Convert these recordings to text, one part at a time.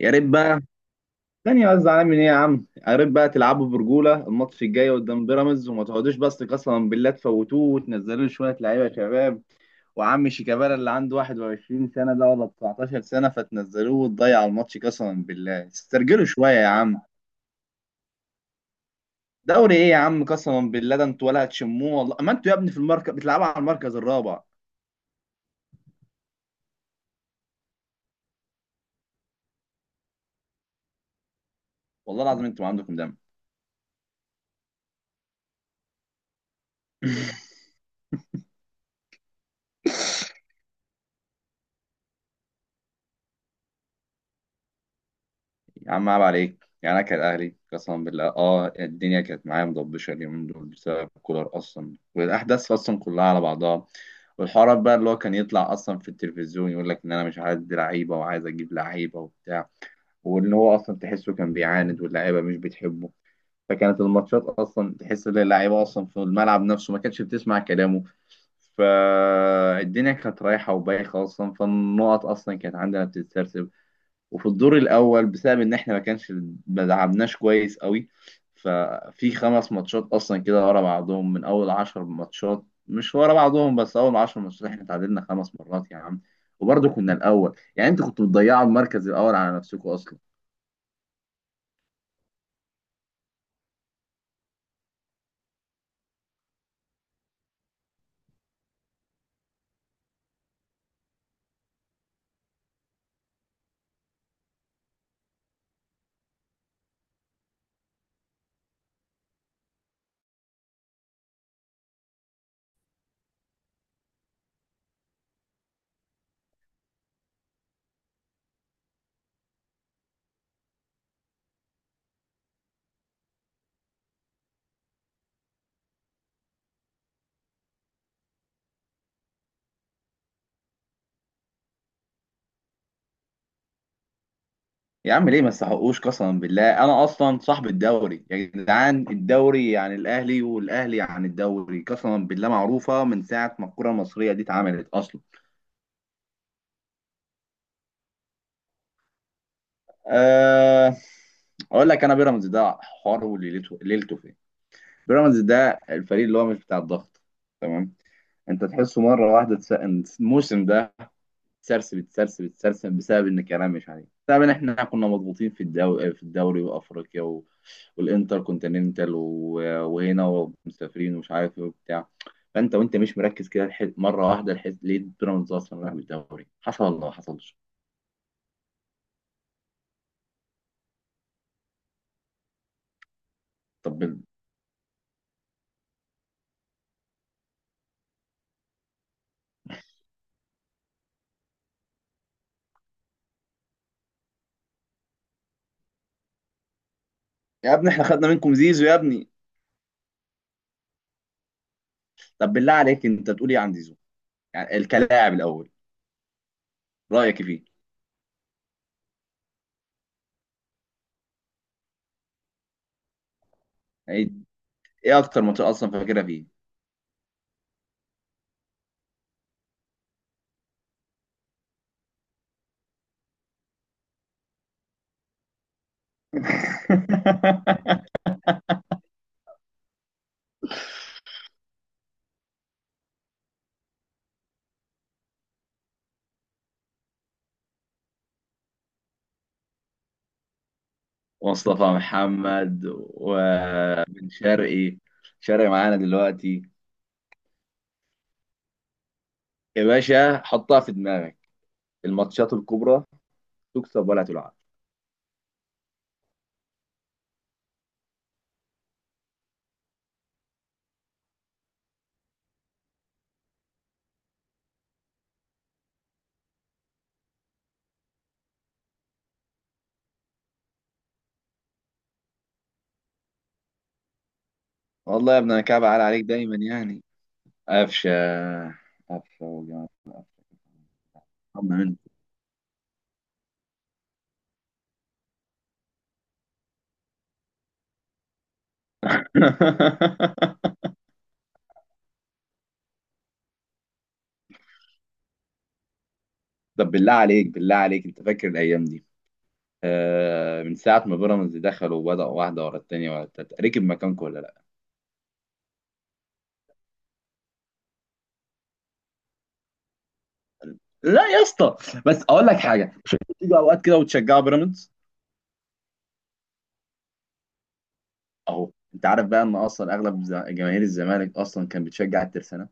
يا ريت بقى ثانية بس. زعلان من ايه يا عم؟ يا ريت بقى تلعبوا برجولة الماتش الجاي قدام بيراميدز وما تقعدوش، بس قسما بالله تفوتوه وتنزلوا لي شوية لعيبة يا شباب. وعم شيكابالا اللي عنده 21 سنة ده ولا 19 سنة، فتنزلوه وتضيعوا الماتش. قسما بالله استرجلوا شوية يا عم. دوري ايه يا عم؟ قسما بالله ده انتوا ولا هتشموه. والله ما انتوا يا ابني في المركز، بتلعبوا على المركز الرابع. والله العظيم انتوا ما عندكم دم. يا عم عيب عليك. يعني انا كان اهلي قسما بالله الدنيا كانت معايا مضبشه اليومين دول بسبب كولر اصلا، والاحداث اصلا كلها على بعضها. والحوارات بقى اللي هو كان يطلع اصلا في التلفزيون يقول لك ان انا مش عايز لعيبه وعايز اجيب لعيبه وبتاع. وان هو اصلا تحسه كان بيعاند واللعيبه مش بتحبه. فكانت الماتشات اصلا تحس ان اللعيبه اصلا في الملعب نفسه ما كانتش بتسمع كلامه. فالدنيا كانت رايحه وبايخه اصلا، فالنقط اصلا كانت عندنا بتتسرسب. وفي الدور الاول بسبب ان احنا ما كانش، ما دعمناش كويس قوي. ففي خمس ماتشات اصلا كده ورا بعضهم من اول عشر ماتشات، مش ورا بعضهم بس اول عشر ماتشات، احنا تعادلنا خمس مرات يا عم. وبرضه كنا الاول. يعني انتوا كنتوا بتضيعوا المركز الاول على نفسكم اصلا. يا عم ليه ما تستحقوش؟ قسما بالله انا اصلا صاحب الدوري يا جدعان. الدوري يعني الاهلي، والاهلي عن الدوري قسما بالله معروفه من ساعه ما الكره المصريه دي اتعملت اصلا. أه... اقول لك انا، بيراميدز ده حواره وليلته، ليلته فين. بيراميدز ده الفريق اللي هو مش بتاع الضغط، تمام؟ انت تحسه مره واحده إن الموسم ده تسرسب بسبب ان كلام مش عليه، بسبب ان احنا كنا مضغوطين في الدوري وافريقيا والانتر كونتيننتال وهنا ومسافرين ومش عارف ايه وبتاع. فانت وانت مش مركز كده، مره واحده ليه بيراميدز اصلا راح بالدوري؟ حصل ولا ما حصلش؟ طب يا ابني احنا خدنا منكم زيزو يا ابني. طب بالله عليك انت تقول ايه عن زيزو؟ يعني الكلاعب الاول، رايك فيه؟ يعني ايه اكتر منطقه اصلا فاكرها فيه؟ مصطفى محمد وبن شرقي. شرقي معانا دلوقتي. يا باشا حطها في دماغك، الماتشات الكبرى تكسب ولا تلعب. والله يا ابني انا كعب عال عليك دايما يعني. قفشه. قفشه وجماعه قفشه. طمنا منك. طب بالله عليك، بالله عليك، انت فاكر الايام دي؟ من ساعة ما بيراميدز دخلوا وبدأوا واحدة ورا التانية ورا التالتة، ركب مكانكم ولا لا؟ لا يا اسطى، بس أقول لك حاجة، مش أنتوا بتيجوا أوقات كده وتشجعوا بيراميدز؟ أهو أنت عارف بقى إن أصلا أغلب جماهير الزمالك أصلا كان بتشجع الترسانة.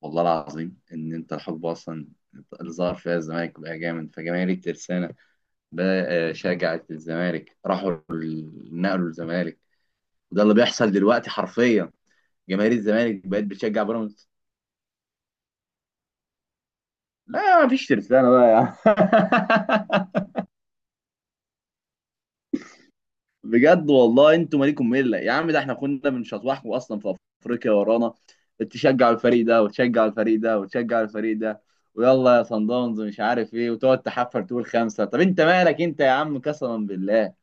والله العظيم إن أنت الحقبة أصلا اللي ظهر فيها الزمالك بقى جامد، فجماهير الترسانة بقى شجعت الزمالك، راحوا نقلوا الزمالك. وده اللي بيحصل دلوقتي حرفيا، جماهير الزمالك بقت بتشجع بيراميدز. لا مفيش ترسانة بقى يا عم. بجد والله انتوا مالكم مله يا عم. ده احنا كنا بنشطوحكم اصلا في افريقيا ورانا. تشجعوا الفريق ده وتشجعوا الفريق ده وتشجعوا الفريق ده، ويلا يا صن داونز مش عارف ايه، وتقعد تحفر تقول خمسه. طب انت مالك انت يا عم قسما بالله؟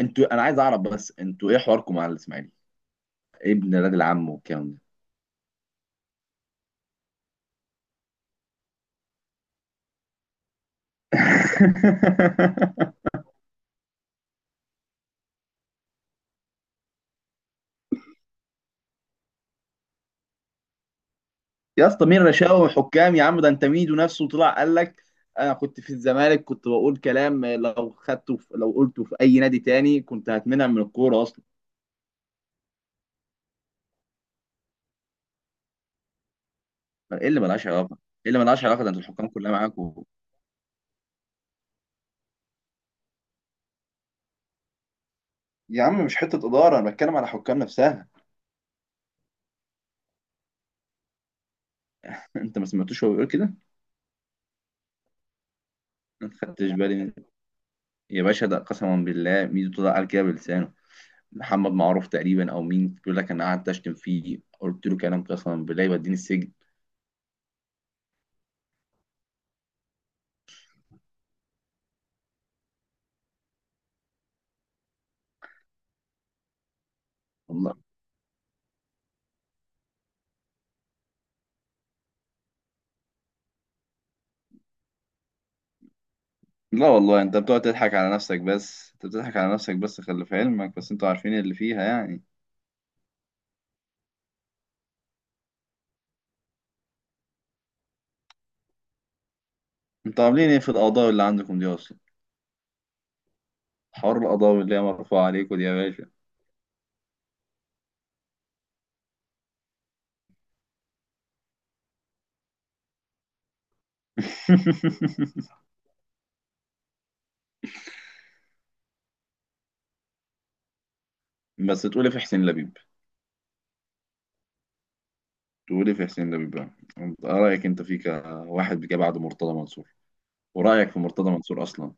انتوا، انا عايز اعرف بس، انتوا ايه حواركم مع الاسماعيلي؟ ابن الراجل عمه والكلام ده. يا اسطى مين رشاوي حكام يا عم؟ ده انت ميدو نفسه طلع قال لك، انا كنت في الزمالك كنت بقول كلام لو خدته، في لو قلته في اي نادي تاني كنت هتمنع من الكوره اصلا. ايه اللي ملهاش علاقه؟ ايه اللي ملهاش علاقه؟ ده انت الحكام كلها معاكوا. يا عم مش حته اداره، انا بتكلم على حكام نفسها. انت ما سمعتوش هو بيقول كده؟ ما خدتش بالي من. يا باشا ده قسما بالله ميدو طلع قال كده بلسانه. محمد معروف تقريبا او مين بيقول لك، انا قعدت اشتم فيه، قلت له كلام قسما بالله يوديني السجن. والله. لا والله انت بتقعد تضحك على نفسك بس، انت بتضحك على نفسك بس، خلي في علمك بس، انتوا عارفين اللي فيها يعني. انتوا عاملين ايه في القضاوي اللي عندكم دي اصلا؟ حوار القضاوي اللي هي مرفوعة عليكم دي يا باشا. بس تقولي في حسين لبيب. تقولي في حسين لبيب بقى. ايه رأيك انت فيك واحد جه بعد مرتضى منصور؟ ورأيك في مرتضى منصور اصلا؟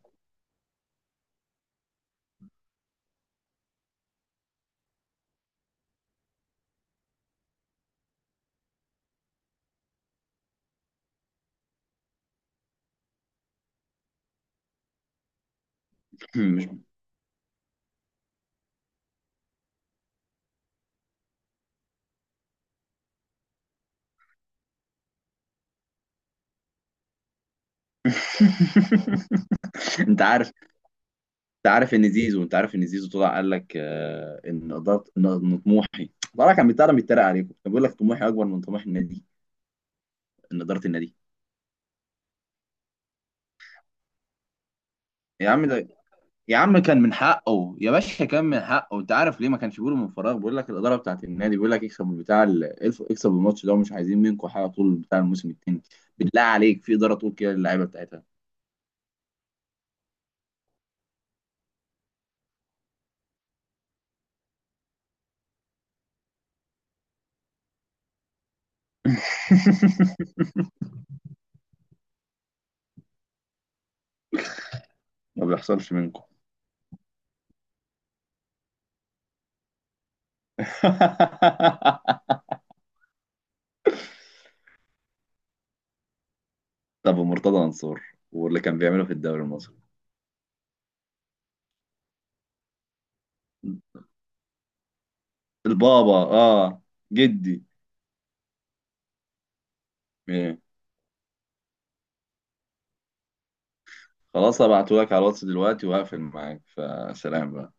مش انت عارف، انت عارف ان زيزو طلع قال لك ان اداره، إن طموحي. طلع كان بيتكلم بيتريق عليكم، كان بيقول لك طموحي اكبر من طموح النادي، ان اداره النادي. يا عم ده، يا عم كان من حقه يا باشا، كان من حقه. انت عارف ليه؟ ما كانش بيقولوا من فراغ. بيقول لك الاداره بتاعت النادي بيقول لك اكسب من بتاع اكسب الماتش ده ومش عايزين منكم حاجه طول بتاع الموسم التاني. بالله عليك في اداره طول كده اللعيبه بتاعتها؟ ما بيحصلش منكم. طب مرتضى منصور واللي كان بيعمله في الدوري المصري؟ البابا اه، جدي. إيه. خلاص هبعته لك على الواتس دلوقتي وهقفل معاك، فسلام بقى.